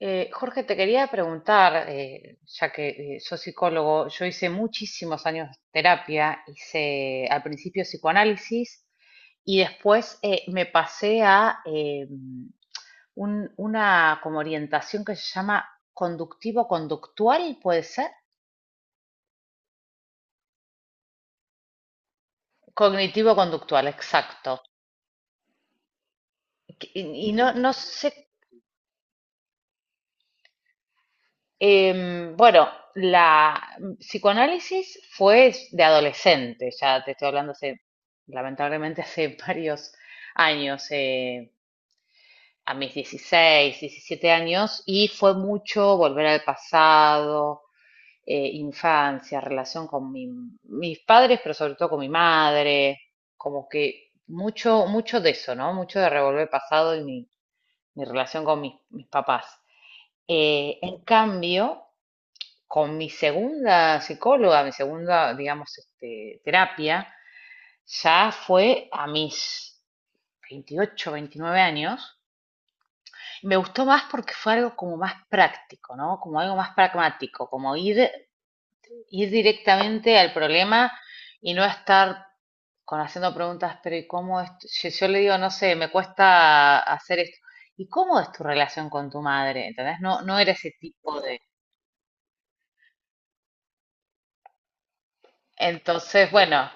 Jorge, te quería preguntar, ya que sos psicólogo, yo hice muchísimos años terapia, hice al principio psicoanálisis y después me pasé a una como orientación que se llama conductivo-conductual, ¿puede ser? Cognitivo-conductual, exacto. Y no, no sé. Bueno, la psicoanálisis fue de adolescente, ya te estoy hablando hace, lamentablemente, hace varios años, a mis 16, 17 años, y fue mucho volver al pasado, infancia, relación con mis padres, pero sobre todo con mi madre, como que mucho, mucho de eso, ¿no? Mucho de revolver pasado y mi relación con mis papás. En cambio, con mi segunda psicóloga, mi segunda, digamos, este, terapia, ya fue a mis 28, 29 años. Me gustó más porque fue algo como más práctico, ¿no? Como algo más pragmático, como ir directamente al problema y no estar con haciendo preguntas, pero ¿y cómo es? Yo le digo, no sé, me cuesta hacer esto. ¿Y cómo es tu relación con tu madre? ¿Entendés? No, no era ese tipo de... Entonces, bueno,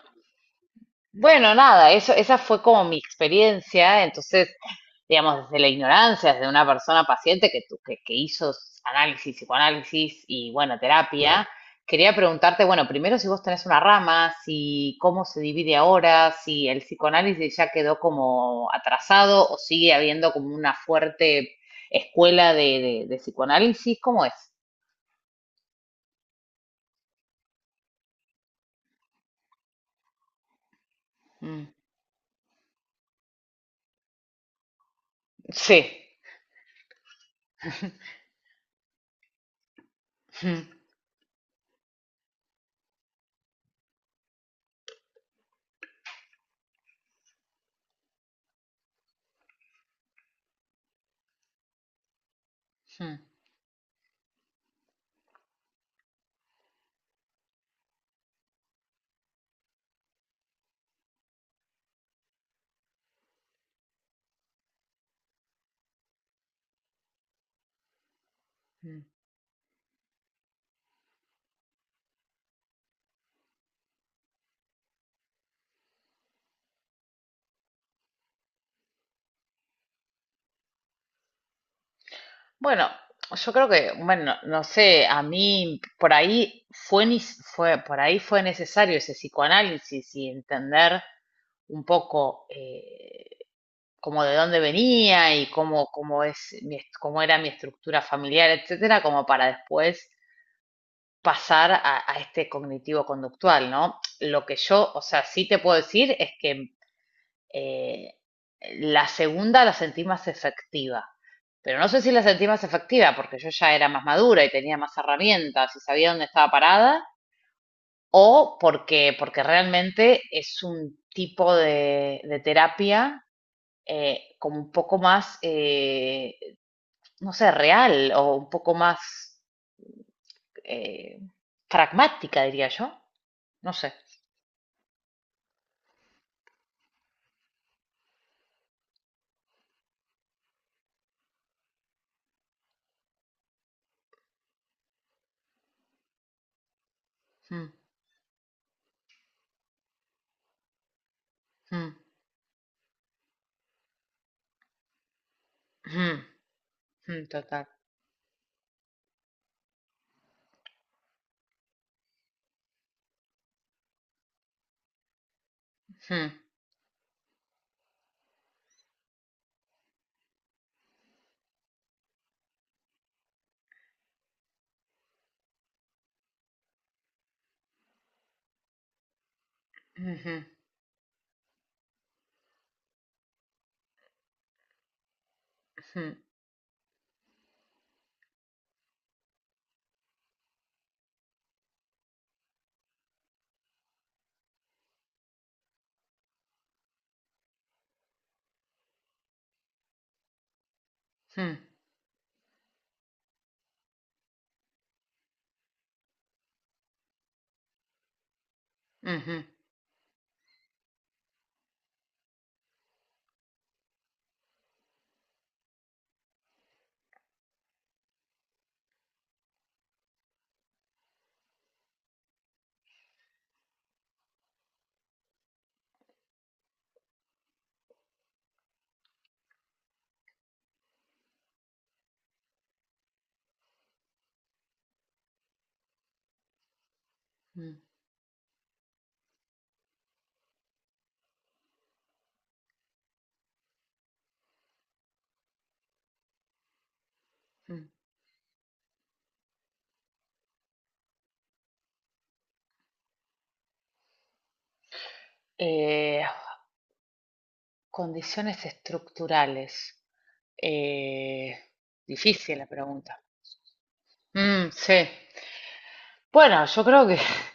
Bueno, nada, eso, esa fue como mi experiencia, entonces, digamos, desde la ignorancia, desde una persona paciente que hizo análisis, psicoanálisis y, bueno, terapia, quería preguntarte, bueno, primero si vos tenés una rama, si cómo se divide ahora, si el psicoanálisis ya quedó como atrasado o sigue habiendo como una fuerte escuela de, de psicoanálisis, ¿cómo es? Mm. Sí. Mm. Mm. Mm. Bueno, yo creo que, bueno, no sé, a mí por ahí fue necesario ese psicoanálisis y entender un poco, como de dónde venía y cómo cómo era mi estructura familiar, etcétera, como para después pasar a, este cognitivo conductual, ¿no? Lo que yo, o sea, sí te puedo decir es que, eh, la segunda la sentí más efectiva, pero no sé si la sentí más efectiva porque yo ya era más madura y tenía más herramientas y sabía dónde estaba parada, o porque realmente es un tipo de, terapia, como un poco más, no sé, real o un poco más, eh, pragmática, diría yo. No sé. Mm, mm, mm, mm, total. Mm, mhm, mhm, mhm, mhm. Mm, mm. Eh, Condiciones estructurales. Eh, Difícil la pregunta. Mm, sí. Bueno, yo creo que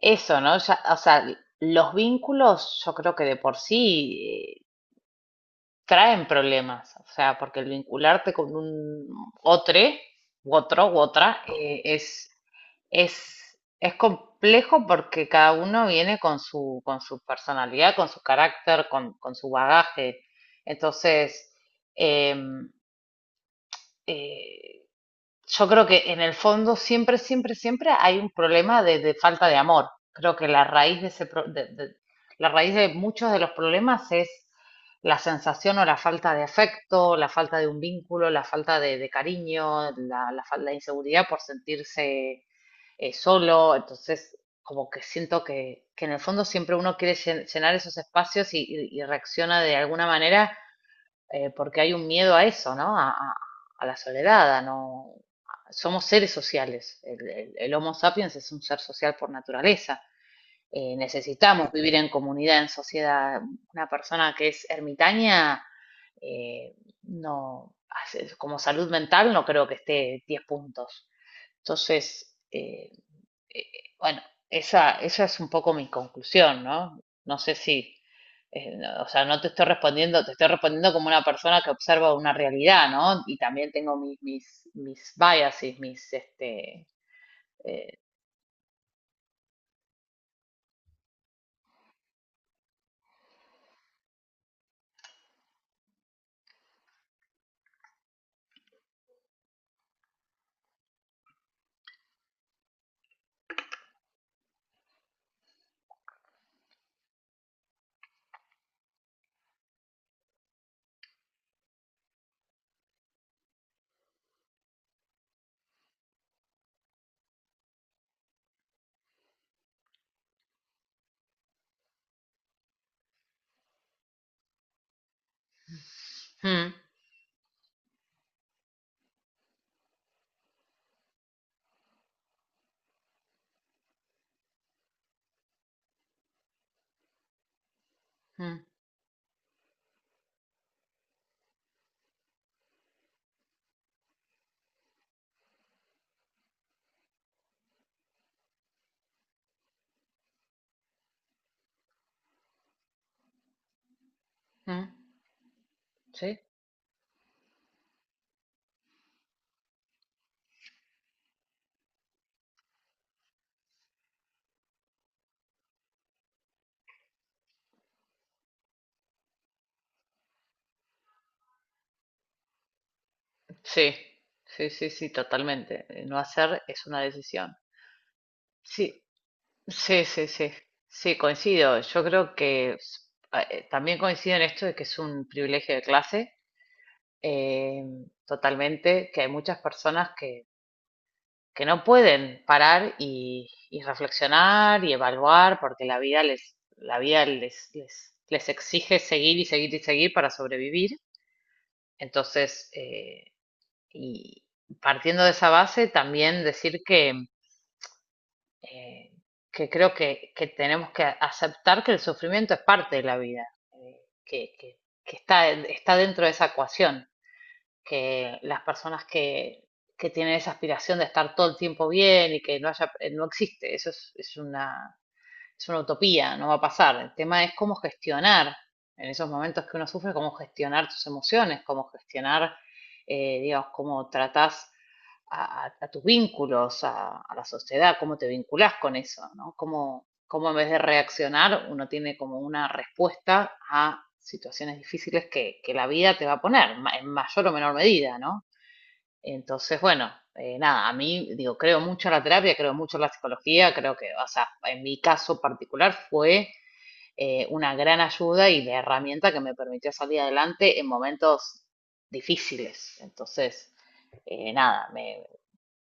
eso, ¿no? Ya, o sea, los vínculos, yo creo que de por sí traen problemas, o sea, porque el vincularte con un otro, otro, u otra, es complejo porque cada uno viene con su personalidad, con su carácter, con su bagaje. Entonces, em, eh, yo creo que en el fondo siempre, siempre, siempre hay un problema de, falta de amor. Creo que la raíz de muchos de los problemas es la sensación o la falta de afecto, la falta de un vínculo, la falta de, cariño, la falta de inseguridad por sentirse, solo. Entonces, como que siento que en el fondo siempre uno quiere llenar esos espacios y reacciona de alguna manera, porque hay un miedo a eso, ¿no? A la soledad, a no... Somos seres sociales. El Homo sapiens es un ser social por naturaleza. Necesitamos vivir en comunidad, en sociedad. Una persona que es ermitaña, eh, no, como salud mental, no creo que esté 10 puntos. Entonces, eh, bueno, esa es un poco mi conclusión, ¿no? No sé si, no, o sea, no te estoy respondiendo, te estoy respondiendo como una persona que observa una realidad, ¿no? Y también tengo mis biases, mis, este, eh, mm, mm, mm, sí, sí, sí, sí, sí, totalmente. No hacer es una decisión. Sí, sí, sí, sí, sí, coincido. Yo creo que también coincido en esto de que es un privilegio de clase, eh, totalmente, que hay muchas personas que no pueden parar y reflexionar y evaluar porque la vida les, la vida les exige seguir y seguir y seguir para sobrevivir. Entonces, y partiendo de esa base, también decir eh, que creo tenemos que aceptar que el sufrimiento es parte de la vida, que está dentro de esa ecuación, que las personas que tienen esa aspiración de estar todo el tiempo bien y que no haya, no existe, eso es una utopía, no va a pasar. El tema es cómo gestionar en esos momentos que uno sufre, cómo gestionar tus emociones, cómo gestionar, digamos, cómo tratás tus vínculos, a la sociedad, cómo te vinculás con eso, ¿no? Cómo en vez de reaccionar uno tiene como una respuesta a situaciones difíciles que la vida te va a poner, en mayor o menor medida, ¿no? Entonces, bueno, nada, a mí, digo, creo mucho en la terapia, creo mucho en la psicología, creo que, o sea, en mi caso particular fue, una gran ayuda y la herramienta que me permitió salir adelante en momentos difíciles. Entonces, nada, me,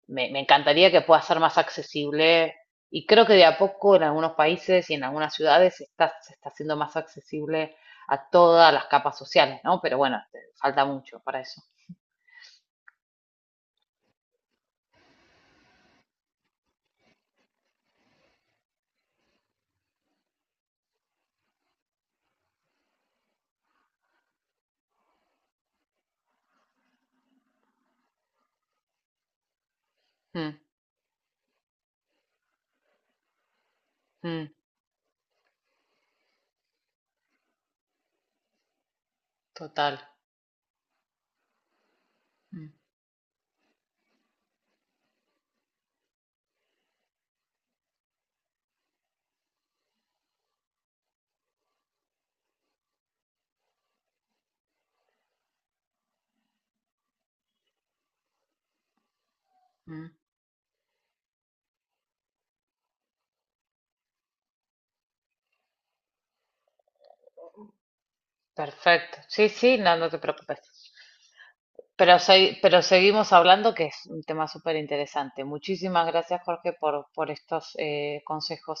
me, me encantaría que pueda ser más accesible y creo que de a poco en algunos países y en algunas ciudades se está haciendo más accesible a todas las capas sociales, ¿no? Pero bueno, falta mucho para eso. Mm, mm, total. Mm, mm. Perfecto. Sí, sí, no, no te preocupes. Pero seguimos hablando, que es un tema súper interesante. Muchísimas gracias, Jorge, por estos consejos.